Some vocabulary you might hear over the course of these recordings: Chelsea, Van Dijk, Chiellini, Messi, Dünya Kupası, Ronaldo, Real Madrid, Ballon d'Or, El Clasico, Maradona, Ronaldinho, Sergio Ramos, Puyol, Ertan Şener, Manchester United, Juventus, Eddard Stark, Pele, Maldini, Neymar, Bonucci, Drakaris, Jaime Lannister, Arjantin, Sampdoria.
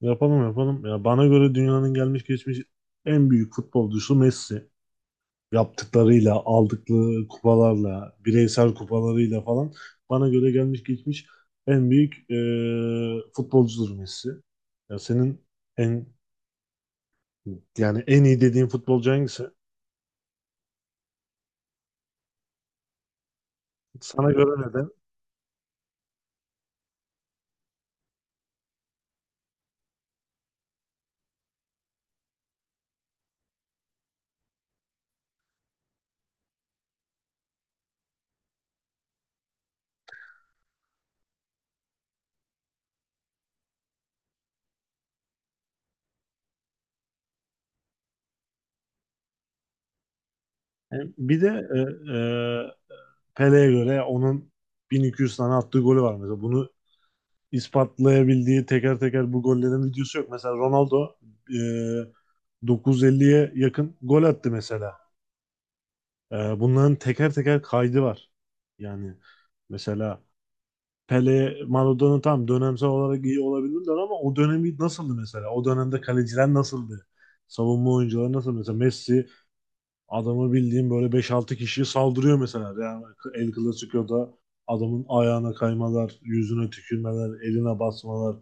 Yapalım, yapalım. Ya bana göre dünyanın gelmiş geçmiş en büyük futbolcusu Messi. Yaptıklarıyla, aldıkları kupalarla, bireysel kupalarıyla falan bana göre gelmiş geçmiş en büyük futbolcudur Messi. Ya senin en yani en iyi dediğin futbolcu hangisi? Sana göre neden? Bir de e, e, Pele'ye göre onun 1200 tane attığı golü var mesela. Bunu ispatlayabildiği teker teker bu gollerin videosu yok. Mesela Ronaldo e, 950'ye yakın gol attı mesela. Bunların teker teker kaydı var. Yani mesela Pele, Maradona tam dönemsel olarak iyi olabilirler ama o dönemi nasıldı mesela? O dönemde kaleciler nasıldı? Savunma oyuncuları nasıl? Mesela Messi. Adamı bildiğim böyle beş-altı kişiye saldırıyor mesela. Yani El Clasico'da adamın ayağına kaymalar, yüzüne tükürmeler, eline basmalar.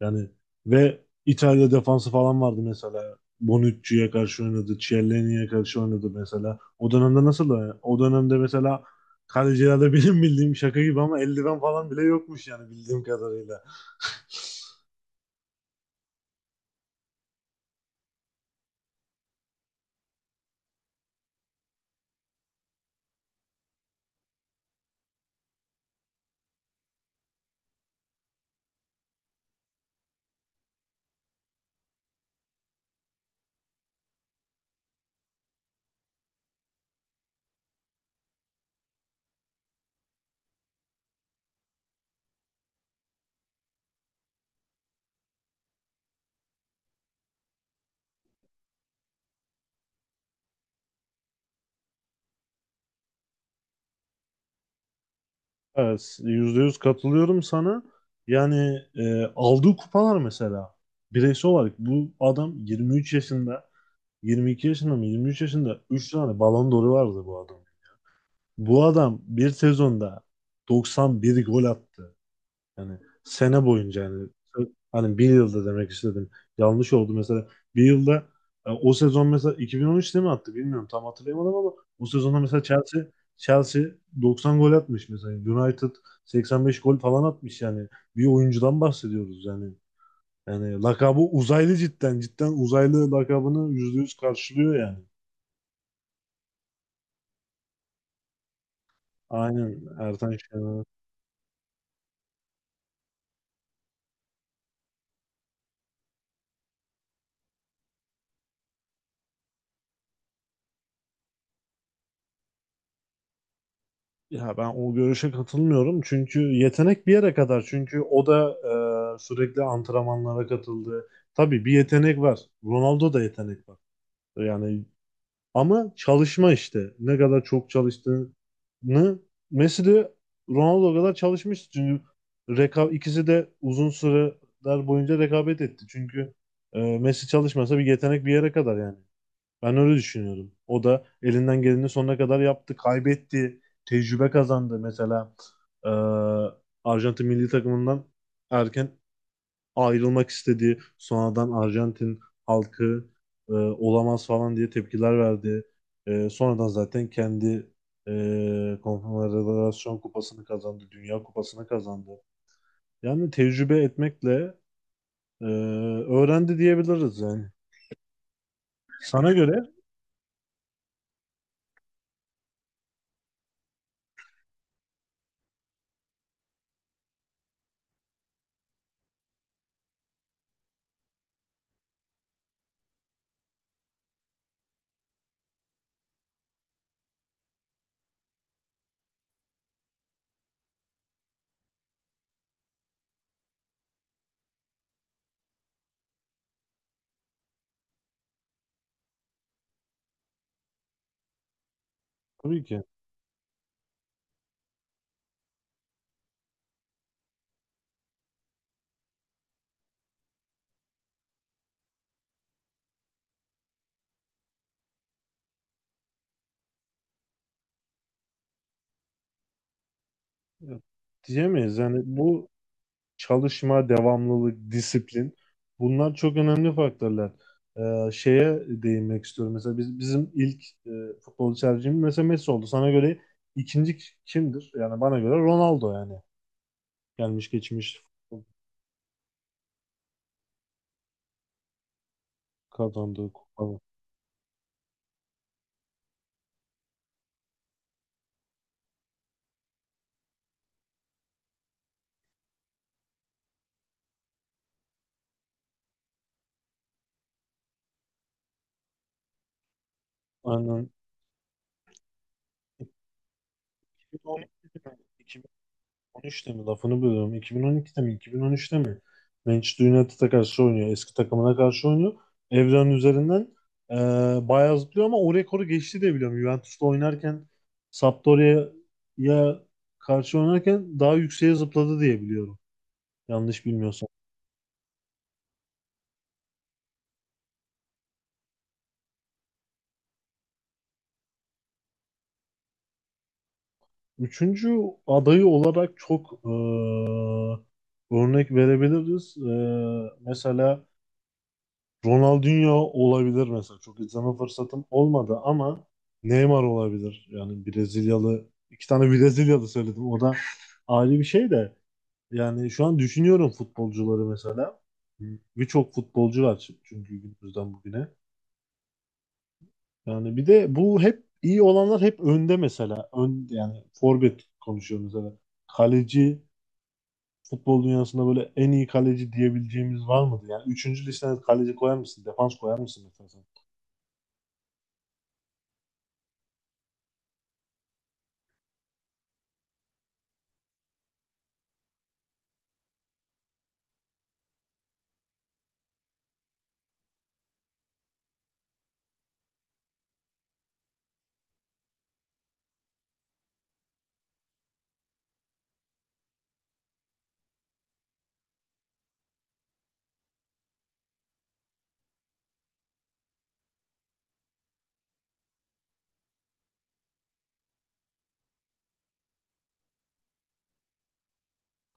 Yani ve İtalya defansı falan vardı mesela. Bonucci'ye karşı oynadı, Chiellini'ye karşı oynadı mesela. O dönemde nasıl? O dönemde mesela kalecilerde benim bildiğim şaka gibi ama eldiven falan bile yokmuş yani bildiğim kadarıyla. Evet, %100 katılıyorum sana. Yani aldığı kupalar mesela bireysel olarak bu adam 23 yaşında, 22 yaşında mı 23 yaşında 3 tane Ballon d'Or'u vardı bu adam. Bu adam bir sezonda 91 gol attı. Yani sene boyunca yani hani bir yılda demek istedim. Yanlış oldu mesela. Bir yılda, o sezon mesela 2013'te mi attı bilmiyorum, tam hatırlayamadım ama o sezonda mesela Chelsea 90 gol atmış mesela. United 85 gol falan atmış yani. Bir oyuncudan bahsediyoruz yani. Yani lakabı uzaylı cidden. Cidden uzaylı lakabını %100 karşılıyor yani. Aynen, Ertan Şener. Ya ben o görüşe katılmıyorum. Çünkü yetenek bir yere kadar. Çünkü o da sürekli antrenmanlara katıldı. Tabii bir yetenek var. Ronaldo da yetenek var. Yani ama çalışma işte. Ne kadar çok çalıştığını Messi de Ronaldo kadar çalışmış. Çünkü ikisi de uzun süreler boyunca rekabet etti. Çünkü Messi çalışmasa bir yetenek bir yere kadar yani. Ben öyle düşünüyorum. O da elinden geleni sonuna kadar yaptı. Kaybetti. Tecrübe kazandı. Mesela eee, Arjantin milli takımından erken ayrılmak istedi. Sonradan Arjantin halkı olamaz falan diye tepkiler verdi. Sonradan zaten kendi Konfederasyon Kupası'nı kazandı. Dünya Kupası'nı kazandı. Yani tecrübe etmekle eee, öğrendi diyebiliriz yani. Sana göre, tabii ki, diyemeyiz. Yani bu çalışma, devamlılık, disiplin, bunlar çok önemli faktörler. Şeye değinmek istiyorum. Mesela bizim ilk futbolcu tercihimiz mesela Messi oldu. Sana göre ikinci kimdir? Yani bana göre Ronaldo yani. Gelmiş geçmiş kazandığı kupa. Aynen. 13'te mi? Lafını bölüyorum. 2012'de mi? 2013'te mi? Manchester United'a karşı oynuyor. Eski takımına karşı oynuyor. Evren üzerinden e, bayağı zıplıyor ama o rekoru geçti diye biliyorum. Juventus'ta oynarken Sampdoria'ya karşı oynarken daha yükseğe zıpladı diye biliyorum. Yanlış bilmiyorsam. Üçüncü adayı olarak çok örnek verebiliriz. Mesela Ronaldinho olabilir mesela. Çok izleme fırsatım olmadı ama Neymar olabilir. Yani Brezilyalı. İki tane Brezilyalı söyledim. O da ayrı bir şey de. Yani şu an düşünüyorum futbolcuları mesela. Birçok futbolcu var çünkü günümüzden bugüne. Yani bir de bu hep iyi olanlar hep önde mesela. Yani forvet konuşuyoruz mesela. Kaleci futbol dünyasında böyle en iyi kaleci diyebileceğimiz var mıdır? Yani üçüncü listene kaleci koyar mısın? Defans koyar mısın mesela?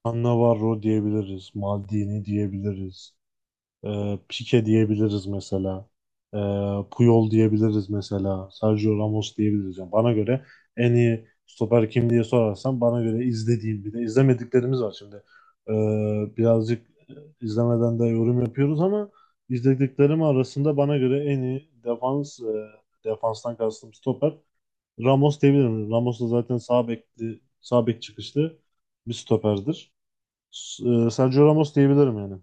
Navarro diyebiliriz. Maldini diyebiliriz. E, Pique diyebiliriz mesela. E, Puyol diyebiliriz mesela. Sergio Ramos diyebiliriz. Yani bana göre en iyi stoper kim diye sorarsan, bana göre izlediğim, bir de izlemediklerimiz var şimdi. E, Birazcık izlemeden de yorum yapıyoruz ama izlediklerim arasında bana göre en iyi defans, defanstan kastım stoper, Ramos diyebilirim. Ramos da zaten sağ bekli, sağ bek çıkışlı bir stoperdir. S- Sergio Ramos diyebilirim yani.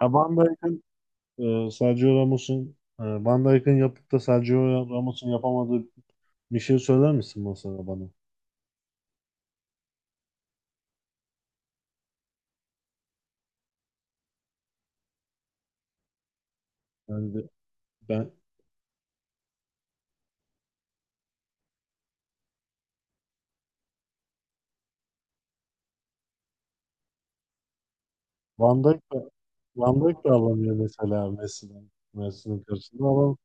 Ya Van Dijk'in, Sergio Ramos'un, Van Dijk'in yapıp da Sergio Ramos'un yapamadığı bir şey söyler misin mesela bana? Yani ben Van Dijk de, Van Dijk de alamıyor mesela Messi'den. Messi'nin karşısında ama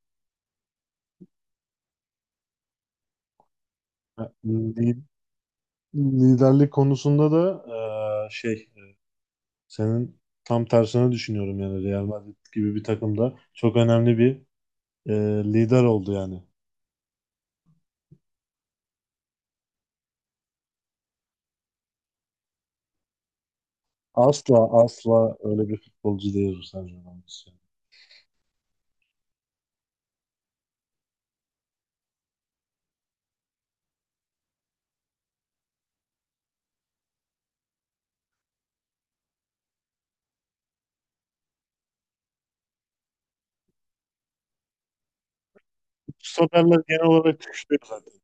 e, li- liderlik konusunda da şey, senin tam tersine düşünüyorum yani. Real Madrid gibi bir takımda çok önemli bir lider oldu yani. Asla asla öyle bir futbolcu değil bu Sergio Ramos. Bu stoperler genel olarak güçlü zaten.